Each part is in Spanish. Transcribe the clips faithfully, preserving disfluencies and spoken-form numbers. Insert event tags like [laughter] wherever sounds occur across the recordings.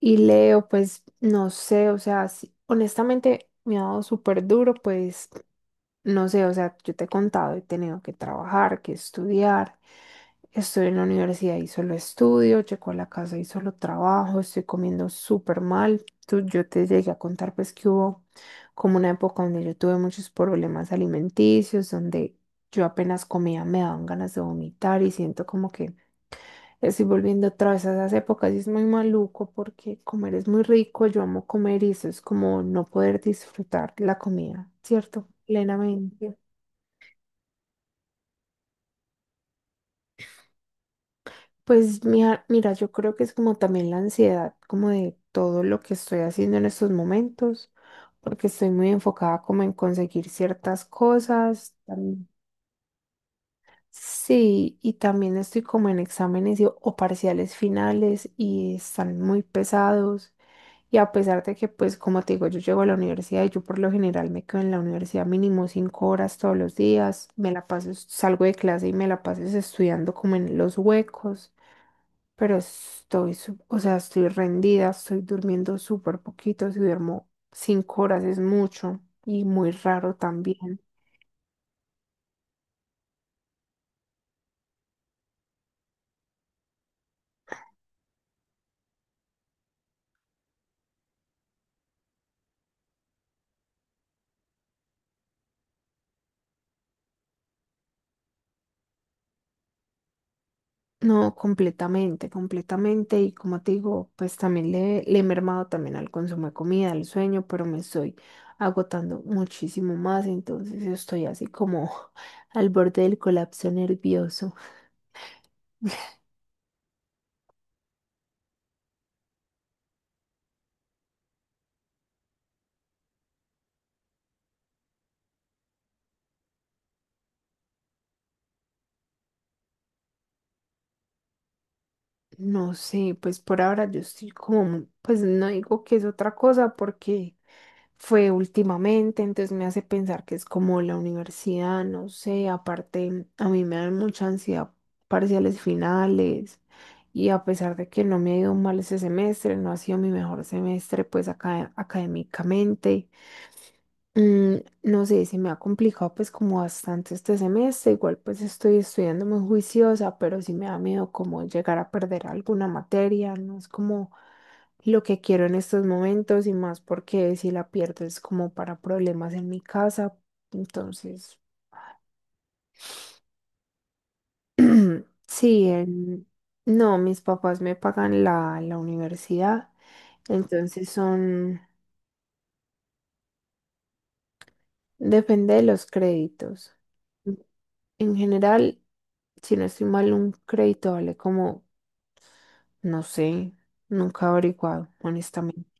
Y Leo, pues no sé, o sea, sí, honestamente me ha dado súper duro, pues no sé, o sea, yo te he contado, he tenido que trabajar, que estudiar, estoy en la universidad y solo estudio, llego a la casa y solo trabajo, estoy comiendo súper mal. Tú, yo te llegué a contar pues que hubo como una época donde yo tuve muchos problemas alimenticios, donde yo apenas comía me daban ganas de vomitar y siento como que Estoy volviendo otra vez a esas épocas y es muy maluco porque comer es muy rico, yo amo comer y eso es como no poder disfrutar la comida, ¿cierto? Plenamente. Pues mira, mira, yo creo que es como también la ansiedad, como de todo lo que estoy haciendo en estos momentos, porque estoy muy enfocada como en conseguir ciertas cosas. tam- Sí, y también estoy como en exámenes y- o parciales finales y están muy pesados. Y a pesar de que, pues, como te digo, yo llego a la universidad y yo por lo general me quedo en la universidad mínimo cinco horas todos los días, me la paso, salgo de clase y me la paso estudiando como en los huecos, pero estoy, su- o sea, estoy rendida, estoy durmiendo súper poquito, si duermo cinco horas es mucho y muy raro también. No, completamente, completamente. Y como te digo, pues también le, le he mermado también al consumo de comida, al sueño, pero me estoy agotando muchísimo más. Entonces estoy así como [laughs] al borde del colapso nervioso. No sé, pues por ahora yo estoy como, mu- pues no digo que es otra cosa porque fue últimamente, entonces me hace pensar que es como la universidad, no sé, aparte a mí me dan mucha ansiedad parciales finales y a pesar de que no me ha ido mal ese semestre, no ha sido mi mejor semestre pues acá, académicamente. Mm, no sé, se me ha complicado pues como bastante este semestre, igual pues estoy estudiando muy juiciosa, pero sí me da miedo como llegar a perder alguna materia, no es como lo que quiero en estos momentos y más porque si la pierdo es como para problemas en mi casa, entonces [clears throat] sí, en- no, mis papás me pagan la, la universidad, entonces son... Depende de los créditos. En general, si no estoy mal, un crédito vale como, no sé, nunca he averiguado, honestamente.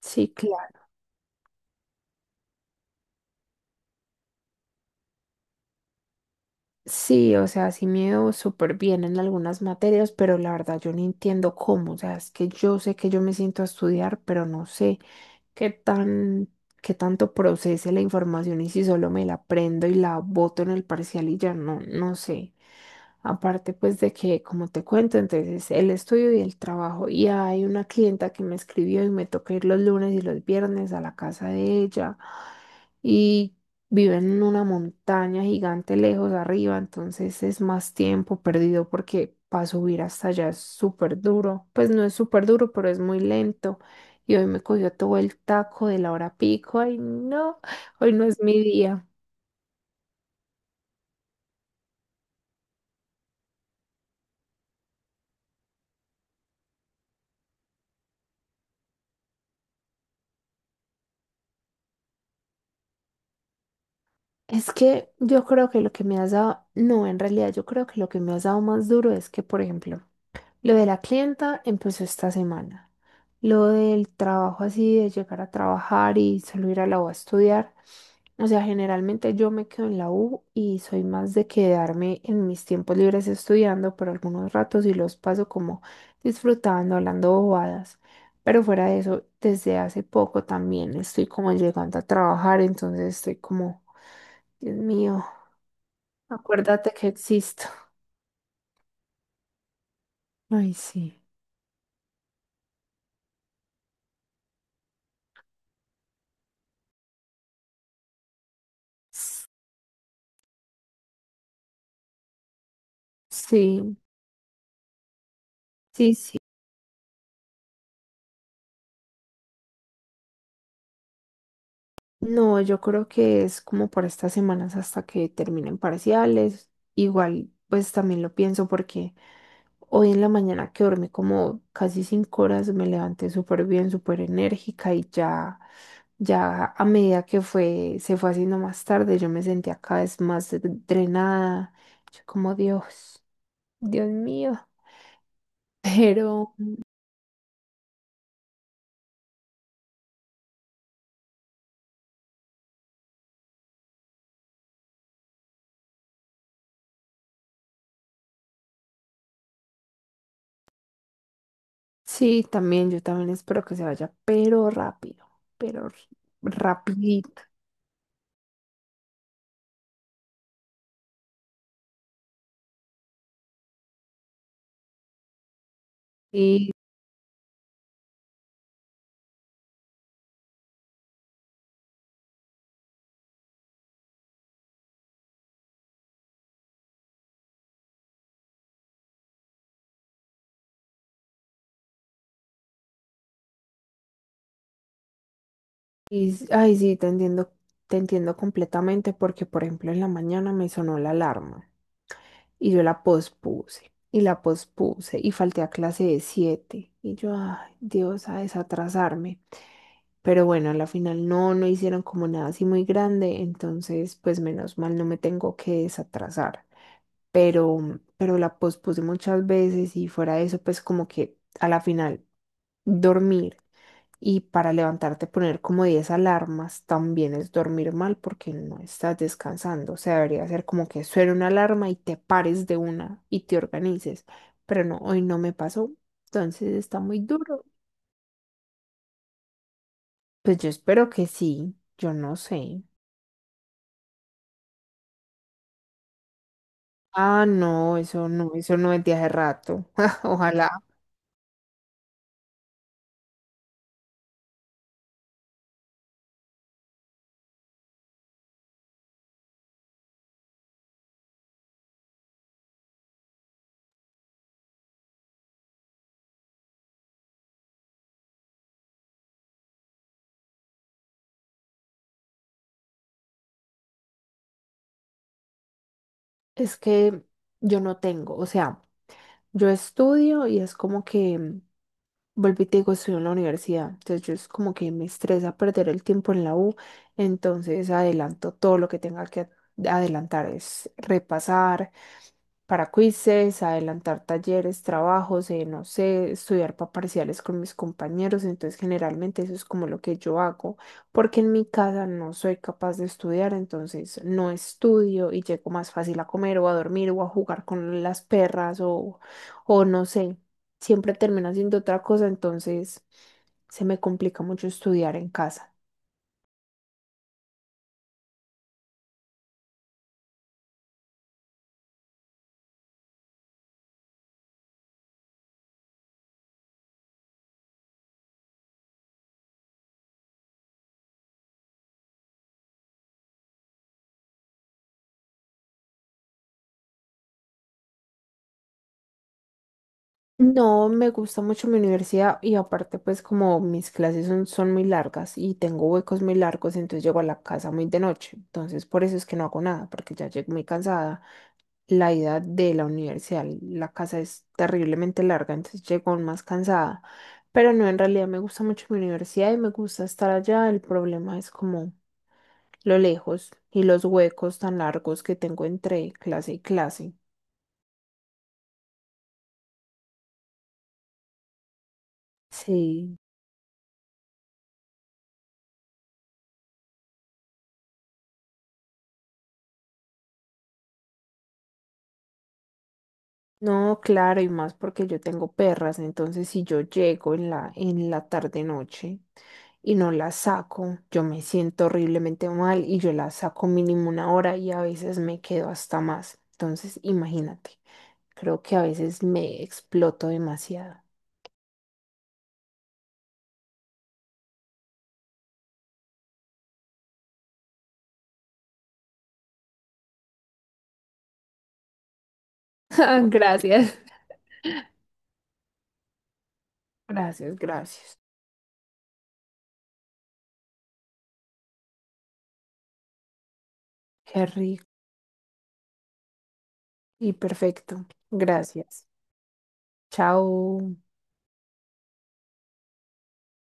Sí, claro. Sí, o sea, sí me veo súper bien en algunas materias, pero la verdad yo no entiendo cómo. O sea, es que yo sé que yo me siento a estudiar, pero no sé qué tan, qué tanto procese la información y si solo me la prendo y la boto en el parcial y ya no, no sé. Aparte, pues de que, como te cuento, entonces el estudio y el trabajo. Y hay una clienta que me escribió y me toca ir los lunes y los viernes a la casa de ella. Y vive en una montaña gigante lejos arriba, entonces es más tiempo perdido porque para subir hasta allá es súper duro. Pues no es súper duro, pero es muy lento. Y hoy me cogió todo el taco de la hora pico. Ay, no, hoy no es mi día. Es que yo creo que lo que me has dado, no, en realidad yo creo que lo que me has dado más duro es que, por ejemplo, lo de la clienta empezó esta semana. Lo del trabajo así, de llegar a trabajar y solo ir a la U a estudiar. O sea, generalmente yo me quedo en la U y soy más de quedarme en mis tiempos libres estudiando por algunos ratos y los paso como disfrutando, hablando bobadas. Pero fuera de eso, desde hace poco también estoy como llegando a trabajar, entonces estoy como Dios mío, acuérdate que existo. Ay, sí. Sí, sí, sí. No, yo creo que es como por estas semanas hasta que terminen parciales. Igual, pues también lo pienso porque hoy en la mañana que dormí como casi cinco horas, me levanté súper bien, súper enérgica y ya, ya a medida que fue, se fue haciendo más tarde, yo me sentía cada vez más drenada. Yo como Dios, Dios mío. [laughs] Pero sí, también, yo también espero que se vaya, pero rápido, pero r- rapidito. Y, y, ay, sí, te entiendo, te entiendo completamente porque, por ejemplo, en la mañana me sonó la alarma y yo la pospuse y la pospuse y falté a clase de siete y yo, ay, Dios, a desatrasarme. Pero bueno, a la final no, no hicieron como nada así muy grande, entonces, pues menos mal no me tengo que desatrasar. pero, pero la pospuse muchas veces y fuera de eso, pues como que a la final dormir y para levantarte poner como diez alarmas también es dormir mal porque no estás descansando. O sea, debería ser como que suene una alarma y te pares de una y te organices. Pero no, hoy no me pasó, entonces está muy duro. Pues yo espero que sí, yo no sé. Ah, no, eso no, eso no es de hace rato. [laughs] Ojalá. Es que yo no tengo, o sea, yo estudio y es como que, mm, vuelvo y te digo, estudio en la universidad, entonces yo es como que me estresa perder el tiempo en la U, entonces adelanto todo lo que tenga que adelantar, es repasar, para quizzes, adelantar talleres, trabajos, eh, no sé, estudiar para parciales con mis compañeros. Entonces, generalmente eso es como lo que yo hago, porque en mi casa no soy capaz de estudiar, entonces no estudio y llego más fácil a comer o a dormir o a jugar con las perras o, o no sé, siempre termino haciendo otra cosa, entonces se me complica mucho estudiar en casa. No, me gusta mucho mi universidad y aparte pues como mis clases son, son muy largas y tengo huecos muy largos, entonces llego a la casa muy de noche. Entonces por eso es que no hago nada, porque ya llego muy cansada. La ida de la universidad, la casa es terriblemente larga, entonces llego aún más cansada. Pero no, en realidad me gusta mucho mi universidad y me gusta estar allá. El problema es como lo lejos y los huecos tan largos que tengo entre clase y clase. Sí. No, claro, y más porque yo tengo perras, entonces si yo llego en la, en la tarde noche y no las saco, yo me siento horriblemente mal y yo las saco mínimo una hora y a veces me quedo hasta más. Entonces, imagínate, creo que a veces me exploto demasiado. [laughs] Ah, Gracias. Gracias, gracias. Qué rico y perfecto. Gracias. Chao.